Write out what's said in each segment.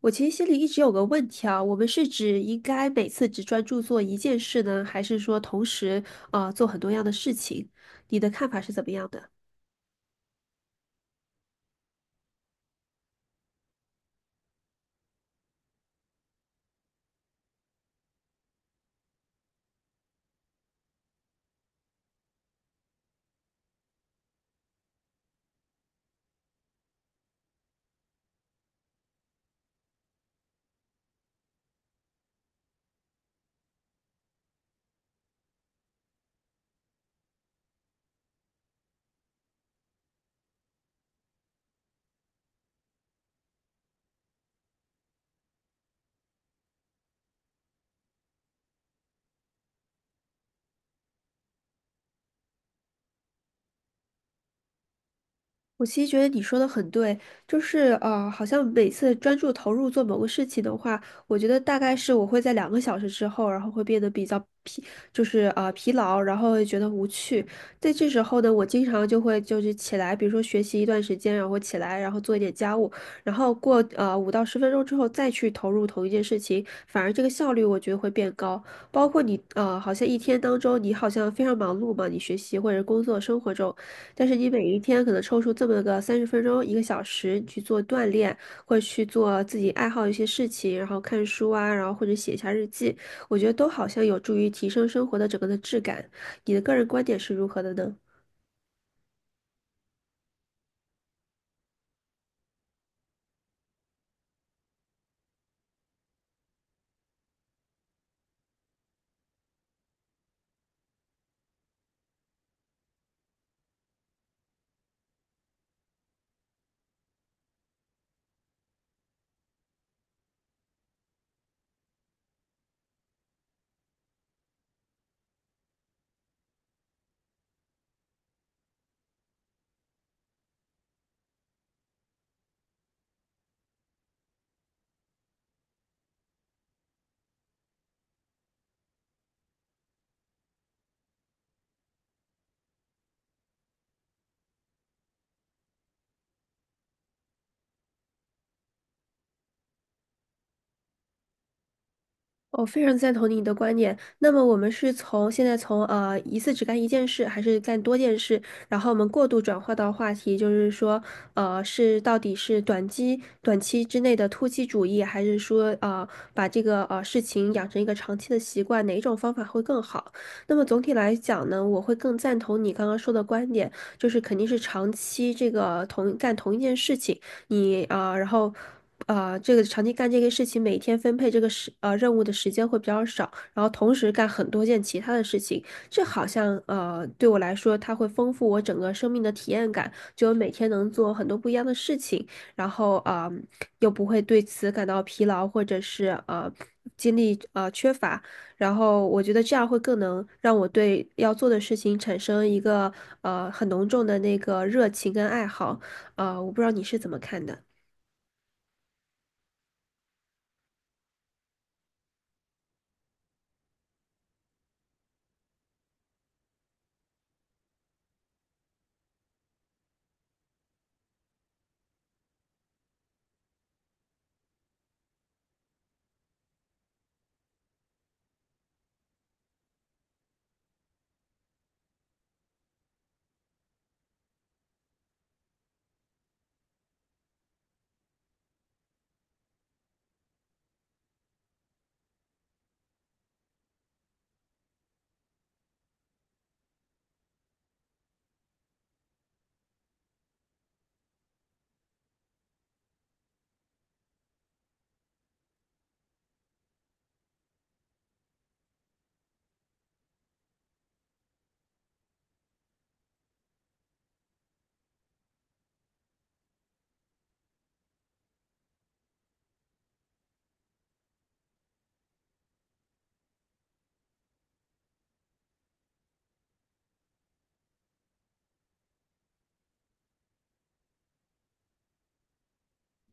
我其实心里一直有个问题啊，我们是指应该每次只专注做一件事呢，还是说同时啊做很多样的事情？你的看法是怎么样的？我其实觉得你说的很对，就是好像每次专注投入做某个事情的话，我觉得大概是我会在2个小时之后，然后会变得比较疲，就是疲劳，然后会觉得无趣。在这时候呢，我经常就会就是起来，比如说学习一段时间，然后起来，然后做一点家务，然后过5到10分钟之后再去投入同一件事情，反而这个效率我觉得会变高。包括你好像一天当中你好像非常忙碌嘛，你学习或者工作生活中。但是你每一天可能抽出这么个30分钟、1个小时去做锻炼，或者去做自己爱好的一些事情，然后看书啊，然后或者写一下日记，我觉得都好像有助于提升生活的整个的质感。你的个人观点是如何的呢？我非常赞同你的观点。那么我们是从现在从一次只干一件事，还是干多件事？然后我们过度转化到话题，就是说，是到底是短期之内的突击主义，还是说把这个事情养成一个长期的习惯，哪一种方法会更好？那么总体来讲呢，我会更赞同你刚刚说的观点，就是肯定是长期这个同一件事情。你啊、然后啊，这个长期干这个事情，每天分配这个任务的时间会比较少，然后同时干很多件其他的事情，这好像对我来说，它会丰富我整个生命的体验感，就每天能做很多不一样的事情，然后啊、又不会对此感到疲劳或者是精力缺乏。然后我觉得这样会更能让我对要做的事情产生一个很浓重的那个热情跟爱好，啊，我不知道你是怎么看的。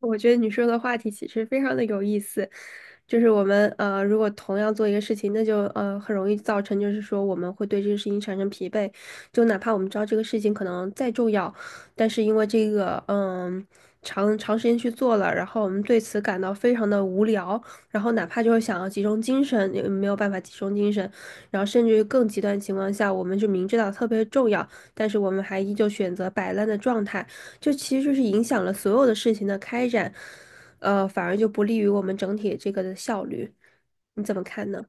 我觉得你说的话题其实非常的有意思，就是我们如果同样做一个事情，那就很容易造成，就是说我们会对这个事情产生疲惫。就哪怕我们知道这个事情可能再重要，但是因为这个长长时间去做了，然后我们对此感到非常的无聊，然后哪怕就是想要集中精神，也没有办法集中精神，然后甚至于更极端的情况下，我们就明知道特别重要，但是我们还依旧选择摆烂的状态，就其实就是影响了所有的事情的开展。反而就不利于我们整体这个的效率。你怎么看呢？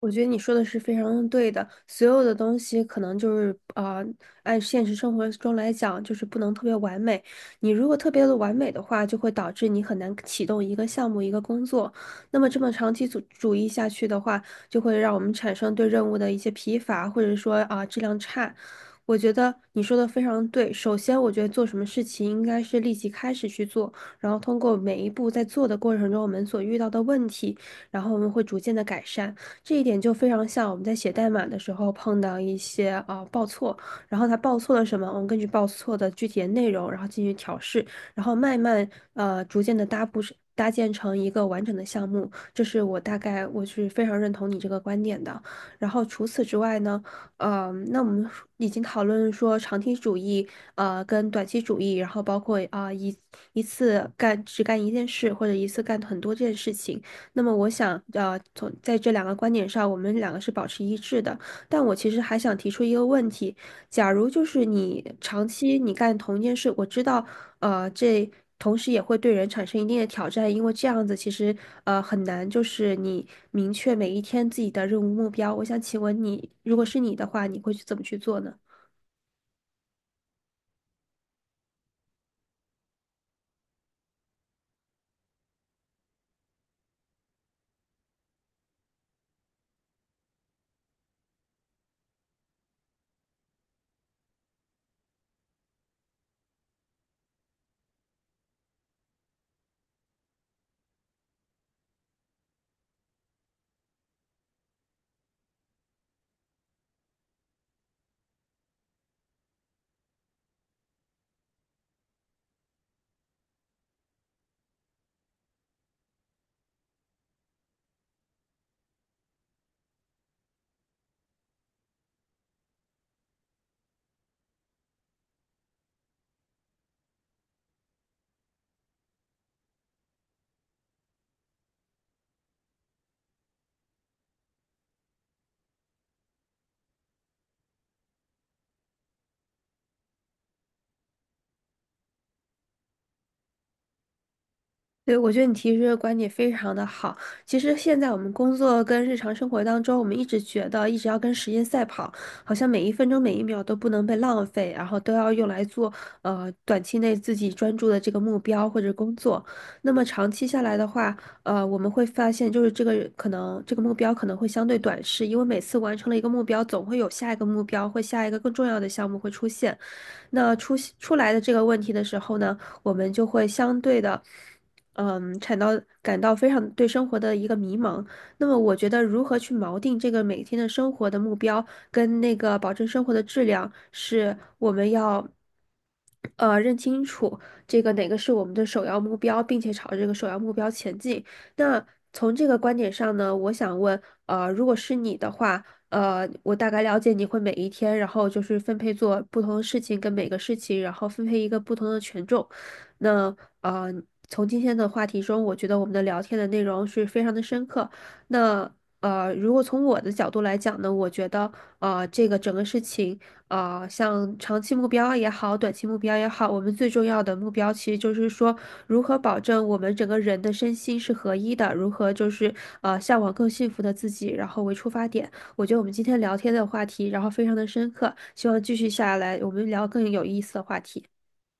我觉得你说的是非常对的，所有的东西可能就是啊，按现实生活中来讲，就是不能特别完美。你如果特别的完美的话，就会导致你很难启动一个项目、一个工作。那么这么长期主义下去的话，就会让我们产生对任务的一些疲乏，或者说啊、质量差。我觉得你说的非常对。首先，我觉得做什么事情应该是立即开始去做，然后通过每一步在做的过程中，我们所遇到的问题，然后我们会逐渐的改善。这一点就非常像我们在写代码的时候碰到一些啊、报错，然后它报错了什么，我们根据报错的具体的内容，然后进行调试，然后慢慢逐渐的搭建成一个完整的项目。这是我大概我是非常认同你这个观点的。然后除此之外呢，那我们已经讨论说长期主义跟短期主义，然后包括啊、一次只干一件事或者一次干很多件事情。那么我想，在这两个观点上，我们两个是保持一致的。但我其实还想提出一个问题：假如就是你长期你干同一件事，我知道，这同时也会对人产生一定的挑战，因为这样子其实很难，就是你明确每一天自己的任务目标。我想请问你，如果是你的话，你会去怎么去做呢？对，我觉得你提出的观点非常的好。其实现在我们工作跟日常生活当中，我们一直觉得一直要跟时间赛跑，好像每一分钟每一秒都不能被浪费，然后都要用来做短期内自己专注的这个目标或者工作。那么长期下来的话，我们会发现就是这个可能这个目标可能会相对短视，因为每次完成了一个目标，总会有下一个目标或下一个更重要的项目会出现。那出来的这个问题的时候呢，我们就会相对的。嗯，感到感到非常对生活的一个迷茫。那么，我觉得如何去锚定这个每天的生活的目标，跟那个保证生活的质量，是我们要认清楚这个哪个是我们的首要目标，并且朝着这个首要目标前进。那从这个观点上呢，我想问，如果是你的话，我大概了解你会每一天，然后就是分配做不同的事情，跟每个事情，然后分配一个不同的权重。那呃，从今天的话题中，我觉得我们的聊天的内容是非常的深刻。那如果从我的角度来讲呢，我觉得这个整个事情，像长期目标也好，短期目标也好，我们最重要的目标其实就是说，如何保证我们整个人的身心是合一的，如何就是向往更幸福的自己，然后为出发点。我觉得我们今天聊天的话题，然后非常的深刻，希望继续下来我们聊更有意思的话题。